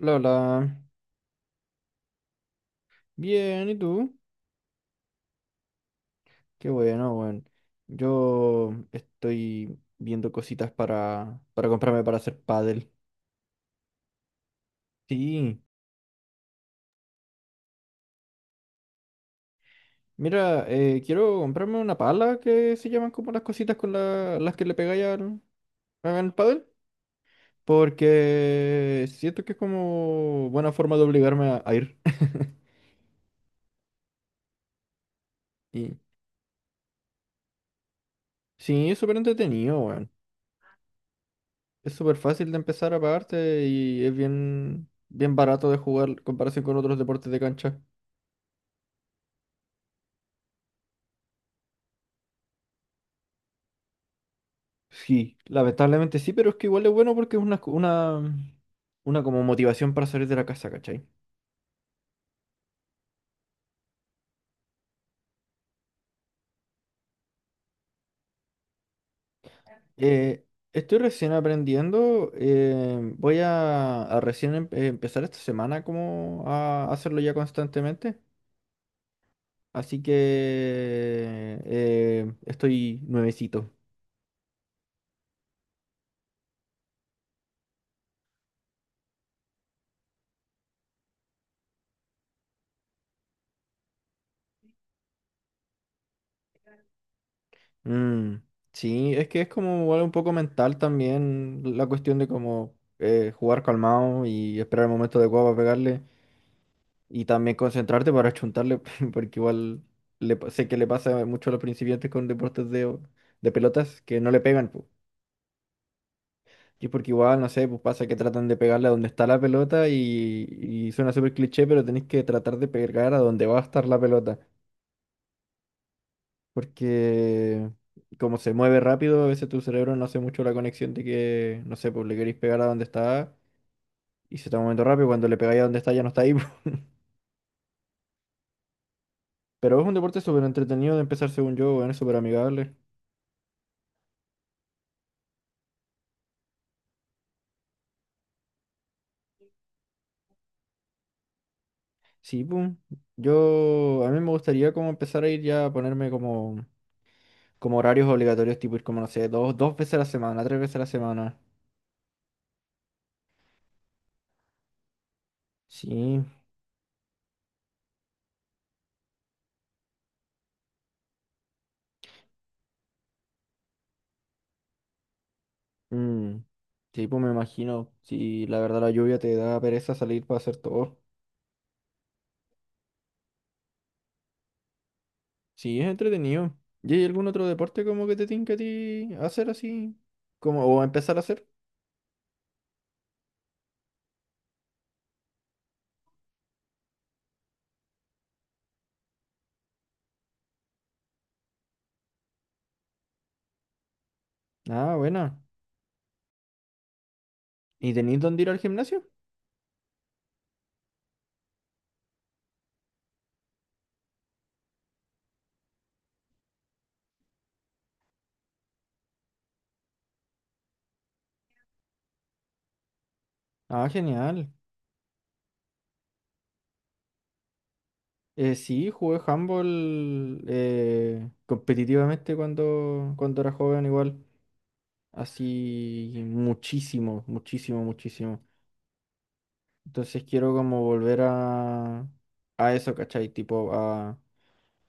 La hola. Bien, ¿y tú? Qué bueno, bueno. Yo estoy viendo cositas para comprarme para hacer pádel. Sí. Mira, quiero comprarme una pala que se llaman como las cositas con las que le pegáis al pádel. Porque siento que es como buena forma de obligarme a ir. Y sí, es súper entretenido, weón. Es súper fácil de empezar aparte y es bien barato de jugar en comparación con otros deportes de cancha. Sí, lamentablemente sí, pero es que igual es bueno porque es una como motivación para salir de la casa, ¿cachai? Eh, estoy recién aprendiendo, voy a recién empezar esta semana como a hacerlo ya constantemente, así que estoy nuevecito. Mm, sí, es que es como igual un poco mental también la cuestión de como jugar calmado y esperar el momento adecuado para pegarle. Y también concentrarte para chuntarle, porque igual sé que le pasa mucho a los principiantes con deportes de pelotas que no le pegan, pues. Y es porque igual, no sé, pues pasa que tratan de pegarle a donde está la pelota y suena súper cliché, pero tenés que tratar de pegar a donde va a estar la pelota. Porque como se mueve rápido, a veces tu cerebro no hace mucho la conexión de que, no sé, pues le queréis pegar a donde está y se está moviendo rápido, cuando le pegáis a donde está ya no está ahí. po. Pero es un deporte súper entretenido de empezar según yo, bueno, es súper amigable. Sí, pum. A mí me gustaría como empezar a ir ya a ponerme como, como horarios obligatorios, tipo ir como, no sé, dos veces a la semana, tres veces a la semana. Sí, mm, sí, pues me imagino. Si la verdad la lluvia te da pereza salir para hacer todo. Sí, es entretenido. ¿Y hay algún otro deporte como que te tinca a ti hacer así? Como, o empezar a hacer. Ah, buena. ¿Y tenéis dónde ir al gimnasio? Ah, genial. Sí, jugué handball competitivamente cuando era joven igual, así muchísimo. Entonces quiero como volver a eso, ¿cachai? Tipo a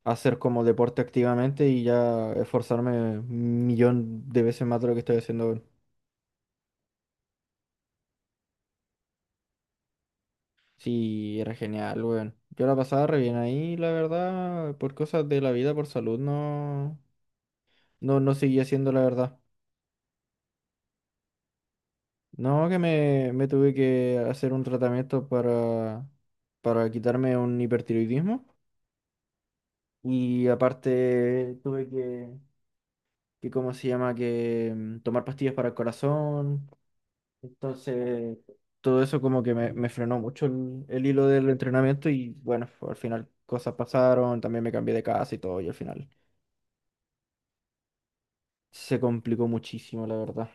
hacer como deporte activamente y ya esforzarme un millón de veces más de lo que estoy haciendo ahora. Sí, era genial, weón. Yo la pasaba re bien ahí, la verdad, por cosas de la vida, por salud, no seguía haciendo la verdad. No, que me tuve que hacer un tratamiento para quitarme un hipertiroidismo. Y aparte tuve que, ¿cómo se llama? Que tomar pastillas para el corazón. Entonces, todo eso como que me frenó mucho el hilo del entrenamiento y bueno, al final cosas pasaron, también me cambié de casa y todo y al final se complicó muchísimo, la verdad.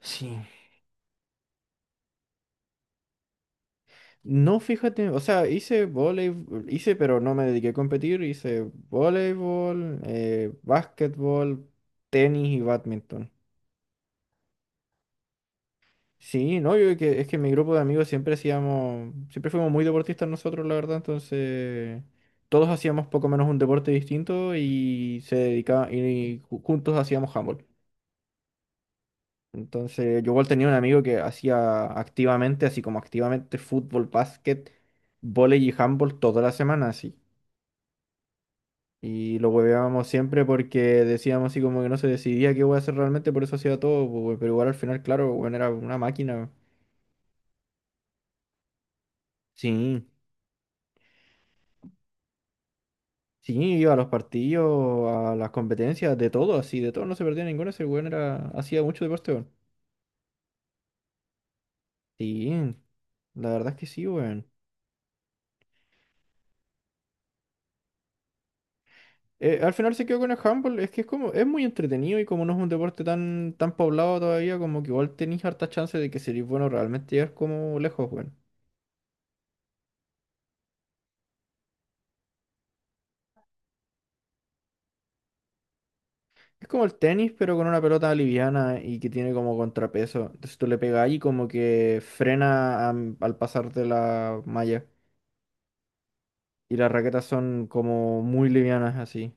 Sí. No, fíjate, o sea, hice voleibol, hice, pero no me dediqué a competir, hice voleibol, básquetbol, tenis y bádminton. Sí, no, yo que, es que mi grupo de amigos siempre hacíamos, siempre fuimos muy deportistas nosotros, la verdad, entonces todos hacíamos poco menos un deporte distinto y se dedicaba, y juntos hacíamos handball. Entonces, yo igual tenía un amigo que hacía activamente, así como activamente fútbol, básquet, vóley y handball toda la semana, así. Y lo hueveábamos siempre porque decíamos así como que no se decidía qué voy a hacer realmente, por eso hacía todo, pues, güey, pero igual al final, claro, bueno, era una máquina, weón. Sí, sí, iba a los partidos, a las competencias, de todo, así, de todo, no se perdía ninguno, ese weón era, hacía mucho deporte, weón. Sí, la verdad es que sí, weón. Al final se quedó con el handball, es que es como, es muy entretenido y como no es un deporte tan poblado todavía, como que igual tenéis harta chance de que seréis bueno realmente llegar como lejos, weón. Es como el tenis, pero con una pelota liviana y que tiene como contrapeso. Entonces tú le pegas y como que frena al pasarte la malla. Y las raquetas son como muy livianas así.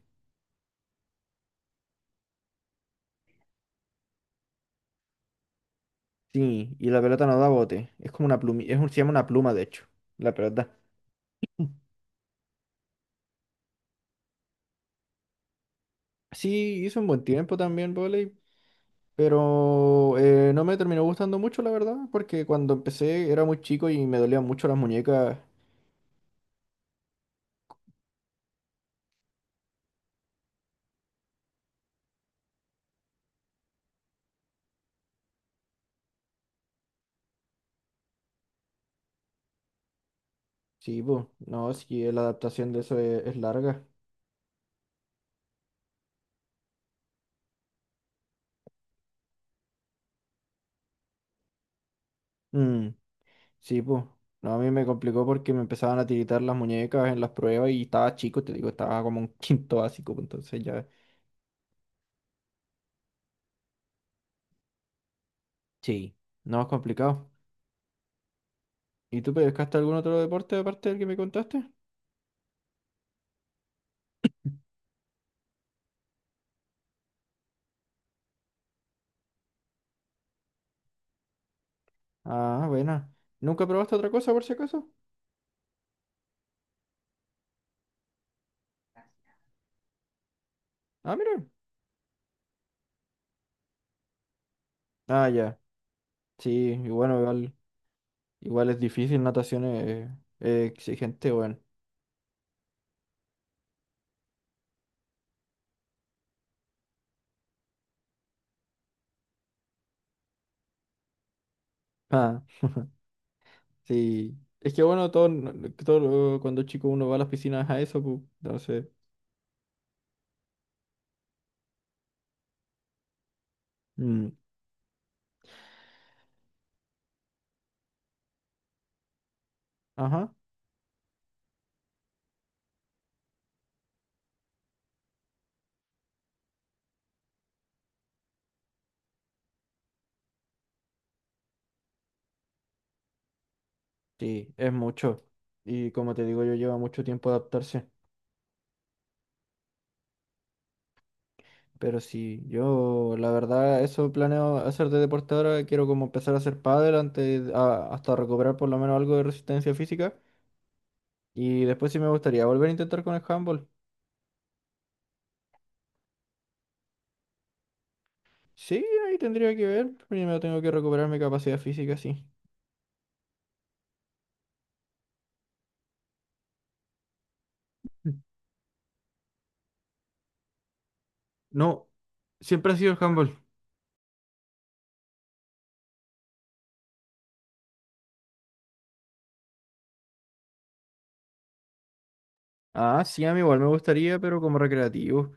Sí, y la pelota no da bote. Es como una pluma, es un, se llama una pluma de hecho, la pelota. Mm. Sí, hizo un buen tiempo también vóley, pero no me terminó gustando mucho, la verdad, porque cuando empecé era muy chico y me dolían mucho las muñecas. Sí, pues, no, sí, la adaptación de eso es larga. Mm. Sí, pues. No, a mí me complicó porque me empezaban a tiritar las muñecas en las pruebas y estaba chico, te digo, estaba como un quinto básico, pues, entonces ya. Sí, no es complicado. ¿Y tú pescaste algún otro deporte aparte del que me contaste? Ah, buena. ¿Nunca probaste otra cosa por si acaso? Ah, mira. Ah, ya. Sí, y bueno, igual, igual es difícil, natación es exigente, bueno. Ah, sí. Es que bueno, todo, todo cuando chico uno va a las piscinas a eso, pues, entonces. mm, Ajá. Sí, es mucho. Y como te digo, yo lleva mucho tiempo adaptarse. Pero sí, yo la verdad, eso planeo hacer de deporte ahora. Quiero como empezar a hacer pádel antes, hasta recuperar por lo menos algo de resistencia física. Y después sí me gustaría volver a intentar con el handball. Sí, ahí tendría que ver. Primero tengo que recuperar mi capacidad física, sí. Mm. No, siempre ha sido el handball. Ah, sí, a mí igual me gustaría, pero como recreativo.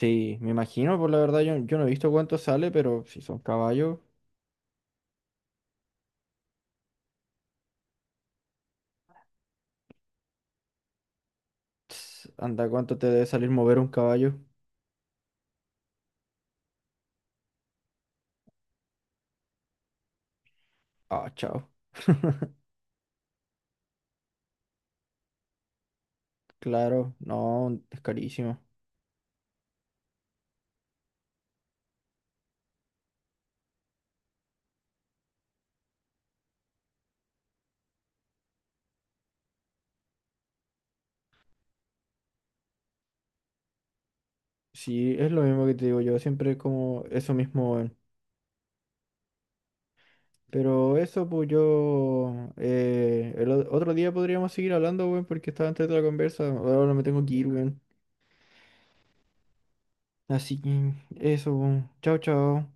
Sí, me imagino, pues la verdad yo no he visto cuánto sale, pero si son caballos. Ts, anda, ¿cuánto te debe salir mover un caballo? Ah, chao. Claro, no, es carísimo. Sí, es lo mismo que te digo yo, siempre es como eso mismo, weón. Pero eso, pues yo... el otro día podríamos seguir hablando, weón, porque estaba antes de la conversa. Ahora me tengo que ir, weón. Así que eso, weón. Chao, chao.